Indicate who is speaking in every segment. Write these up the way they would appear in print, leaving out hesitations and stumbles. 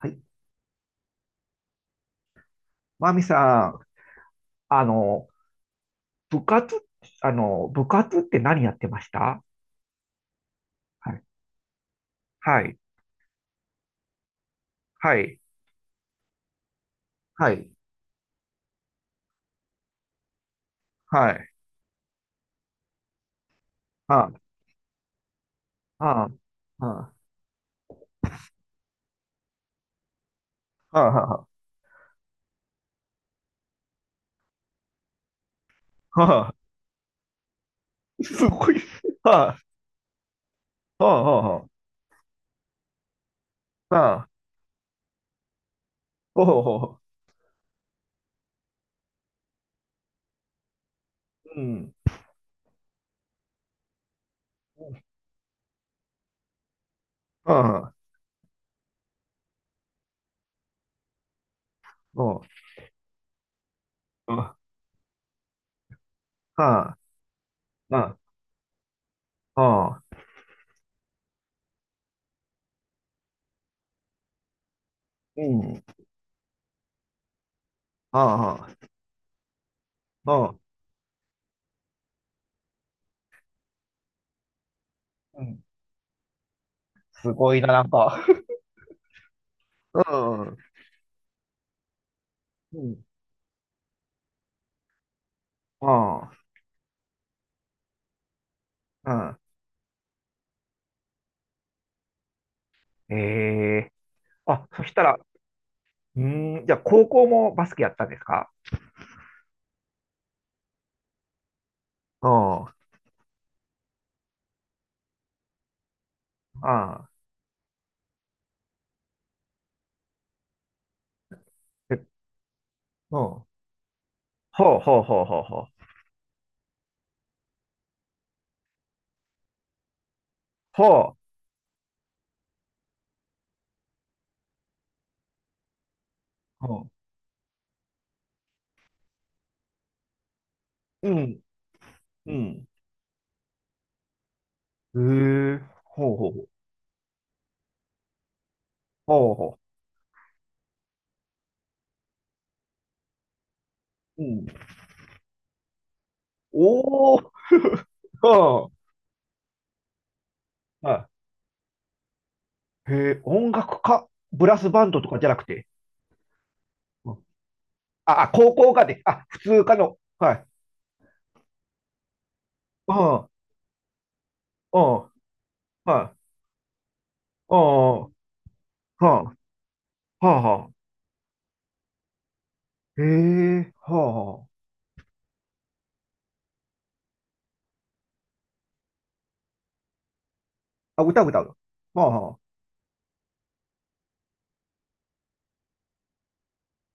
Speaker 1: はい。マミさん、あの、部活、部活って何やってました？はい。はい。はい。はい。はい。はあ、はあ、はあ、はあ、はあ、あ、すごい。はあ、はあ、はあ、はあ、ほうほうほう。うん。はあ、ほう、はあ、はあ、はあ、うん。はあ、はあ、うん。すごいな、なんか。うん。うん。ああ、うん。ええ。あ、そしたら、うーん、じゃあ、高校もバスケやったんですか？ああ、ああ。え、うん、ほうほうほうほうほうほう。ほん。う。うん、うん。へえ、ほうほうほう。ほうほう、うん。おお、うん。う、へえ、音楽家、ブラスバンドとかじゃなくて。うん、あ、あ、高校がで、あ、普通科の。はい。うん、うん、はい、うん、はあ、はあ、はあ。へえ、はあ、はあ。あ、歌歌う。はあ、はあ。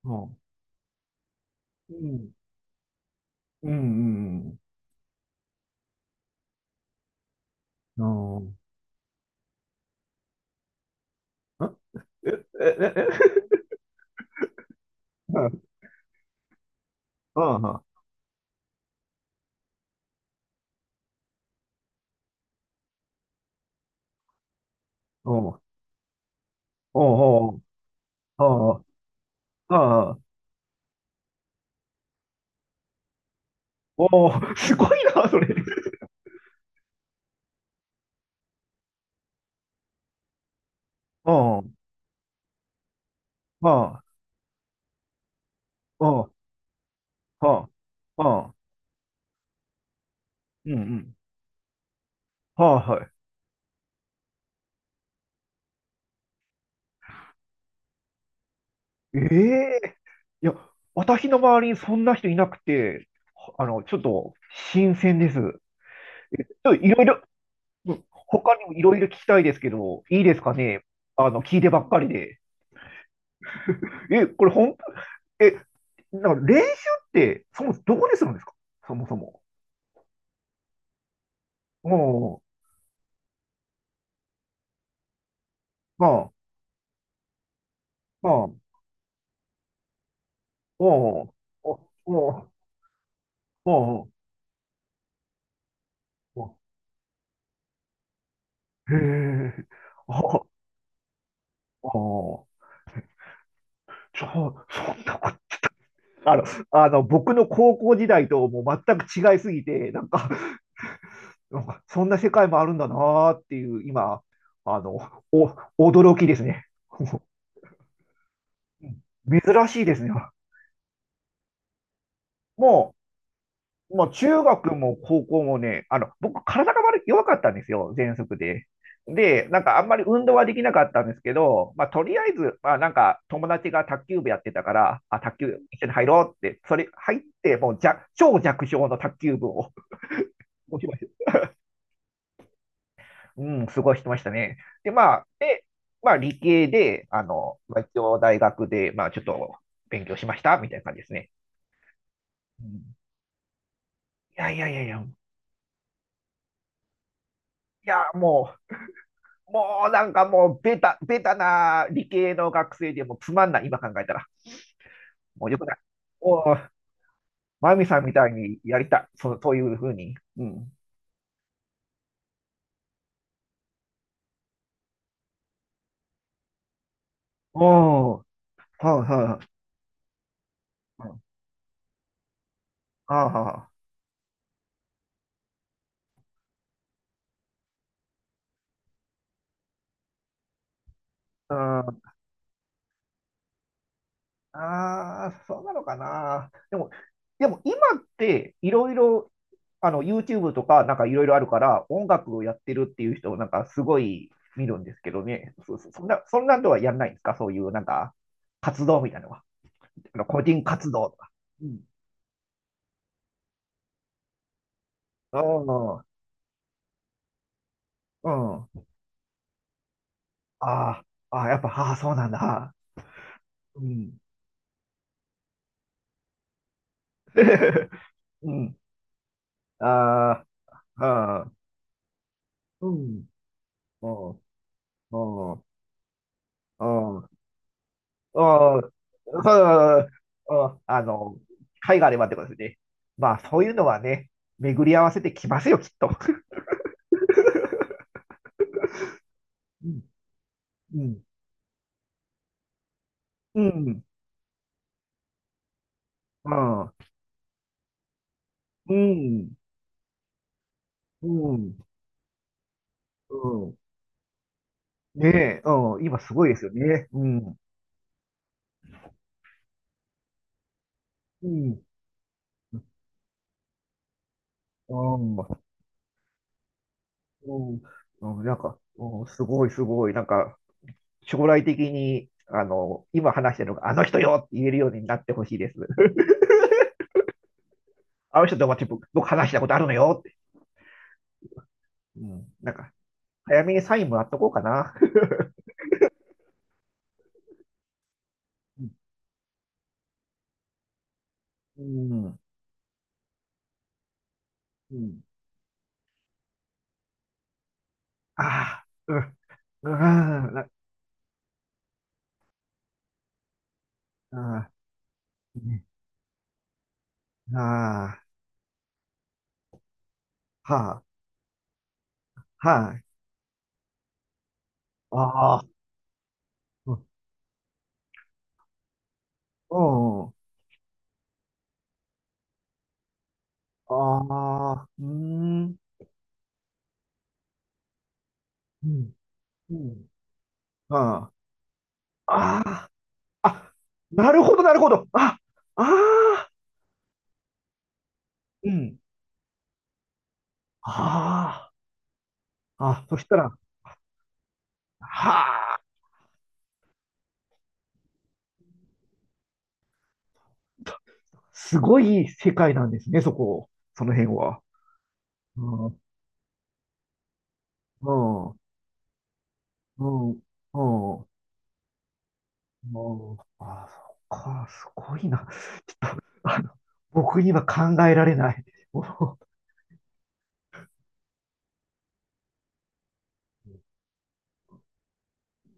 Speaker 1: うん。うん、うん、うん。うん、ん、え、え、え、え、うん、うん、うん、うん、うん、うん、うん、うん、おー、すごいな、それ。うん、うん、うん、うん、うん、うん、はい、はい。ええ、いや、私の周りにそんな人いなくて、ちょっと新鮮です。え、ちょっといろいろ、うん、他にもいろいろ聞きたいですけど、いいですかね。聞いてばっかりで。え、これ本当、え、だから練習って、そもそもどこでするんですか？そもそも。おー、まあ、まあ、おー、おおー、おー、おー、へえ、ああ、ああ、そんなこと、あの、僕の高校時代ともう全く違いすぎて、なんか、なんかそんな世界もあるんだなーっていう、今、あの、お、驚きですね。珍しいですね。もう、もう中学も高校もね、僕、体が弱かったんですよ、喘息で。で、なんかあんまり運動はできなかったんですけど、まあ、とりあえず、まあ、なんか友達が卓球部やってたから、あ、卓球一緒に入ろうって、それ入って、もう超弱小の卓球部を持ちました。うん、過ごしてましたね。で、まあ、理系で、まあ、一応大学で、まあ、ちょっと勉強しました、みたいな感じですね。うん、いやいやいやいや、いや、もうなんかもうベタ、な理系の学生でもうつまんない、今考えたら。もうよくない。もう、マミさんみたいにやりたい。そう、そういうふうに。うん。おー、はいはい。うん、ああ、うん。ああ、そうなのかな。でも、今っていろいろ、YouTube とかなんかいろいろあるから、音楽をやってるっていう人をなんかすごい見るんですけどね。そんなとはやんないんですか？そういうなんか活動みたいなのは。個人活動とか。うん。うん。うん。ああ、ああ、やっぱ、ああ、そうなんだ。うん。うん。ああ、ああ、うん。うん。うん。うん。うん。そう、うん、機会があればってことですね。まあ、そういうのはね、巡り合わせてきますよ、きっと。うん。うん。うん。うん。うん。うん。うん、ねえ、うん。今すごいですよね。うん。うん。うん。うん、うん、なんか、うん、すごい、すごい、なんか、将来的に、今話してるのが、あの人よって言えるようになってほしいです。あの人と僕話したことあるのよって。うん、なんか、早めにサインもらっとこうかな。うん、うん、ああ、うん、うん、な、あー、ね、あー、はあ、はい、ああ、うん、うん、ああ、うーん、うん、うん、はあ、ああ、あ、なるほど、なるほど。あ、ああ、うん。ああ、あ、そしたら、はあ、すごい世界なんですね、そこ、その辺は。うん、うん、うん、うん、うん。あ、そっか、すごいな。ちょっと、僕には考えられない。もう、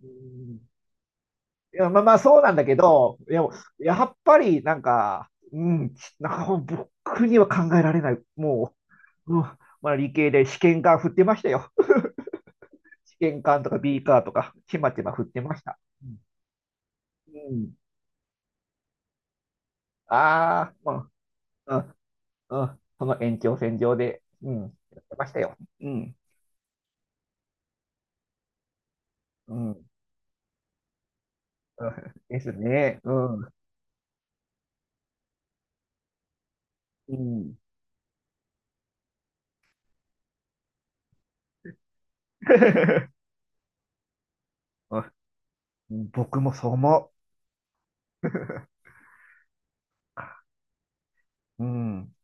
Speaker 1: うん、いや、まあまあ、そうなんだけど、いや、やっぱり、なんか、うん、なんか僕には考えられない。もう、うん、まあ、理系で試験管振ってましたよ。試験管とかビーカーとか、ちまちま振ってました。うん。うん、ああ、まあ、うん、うん、うん。その延長線上で、うん、やってましたよ。うん、うん。うんですね。うん、うん。うん、僕もそう思う。うん。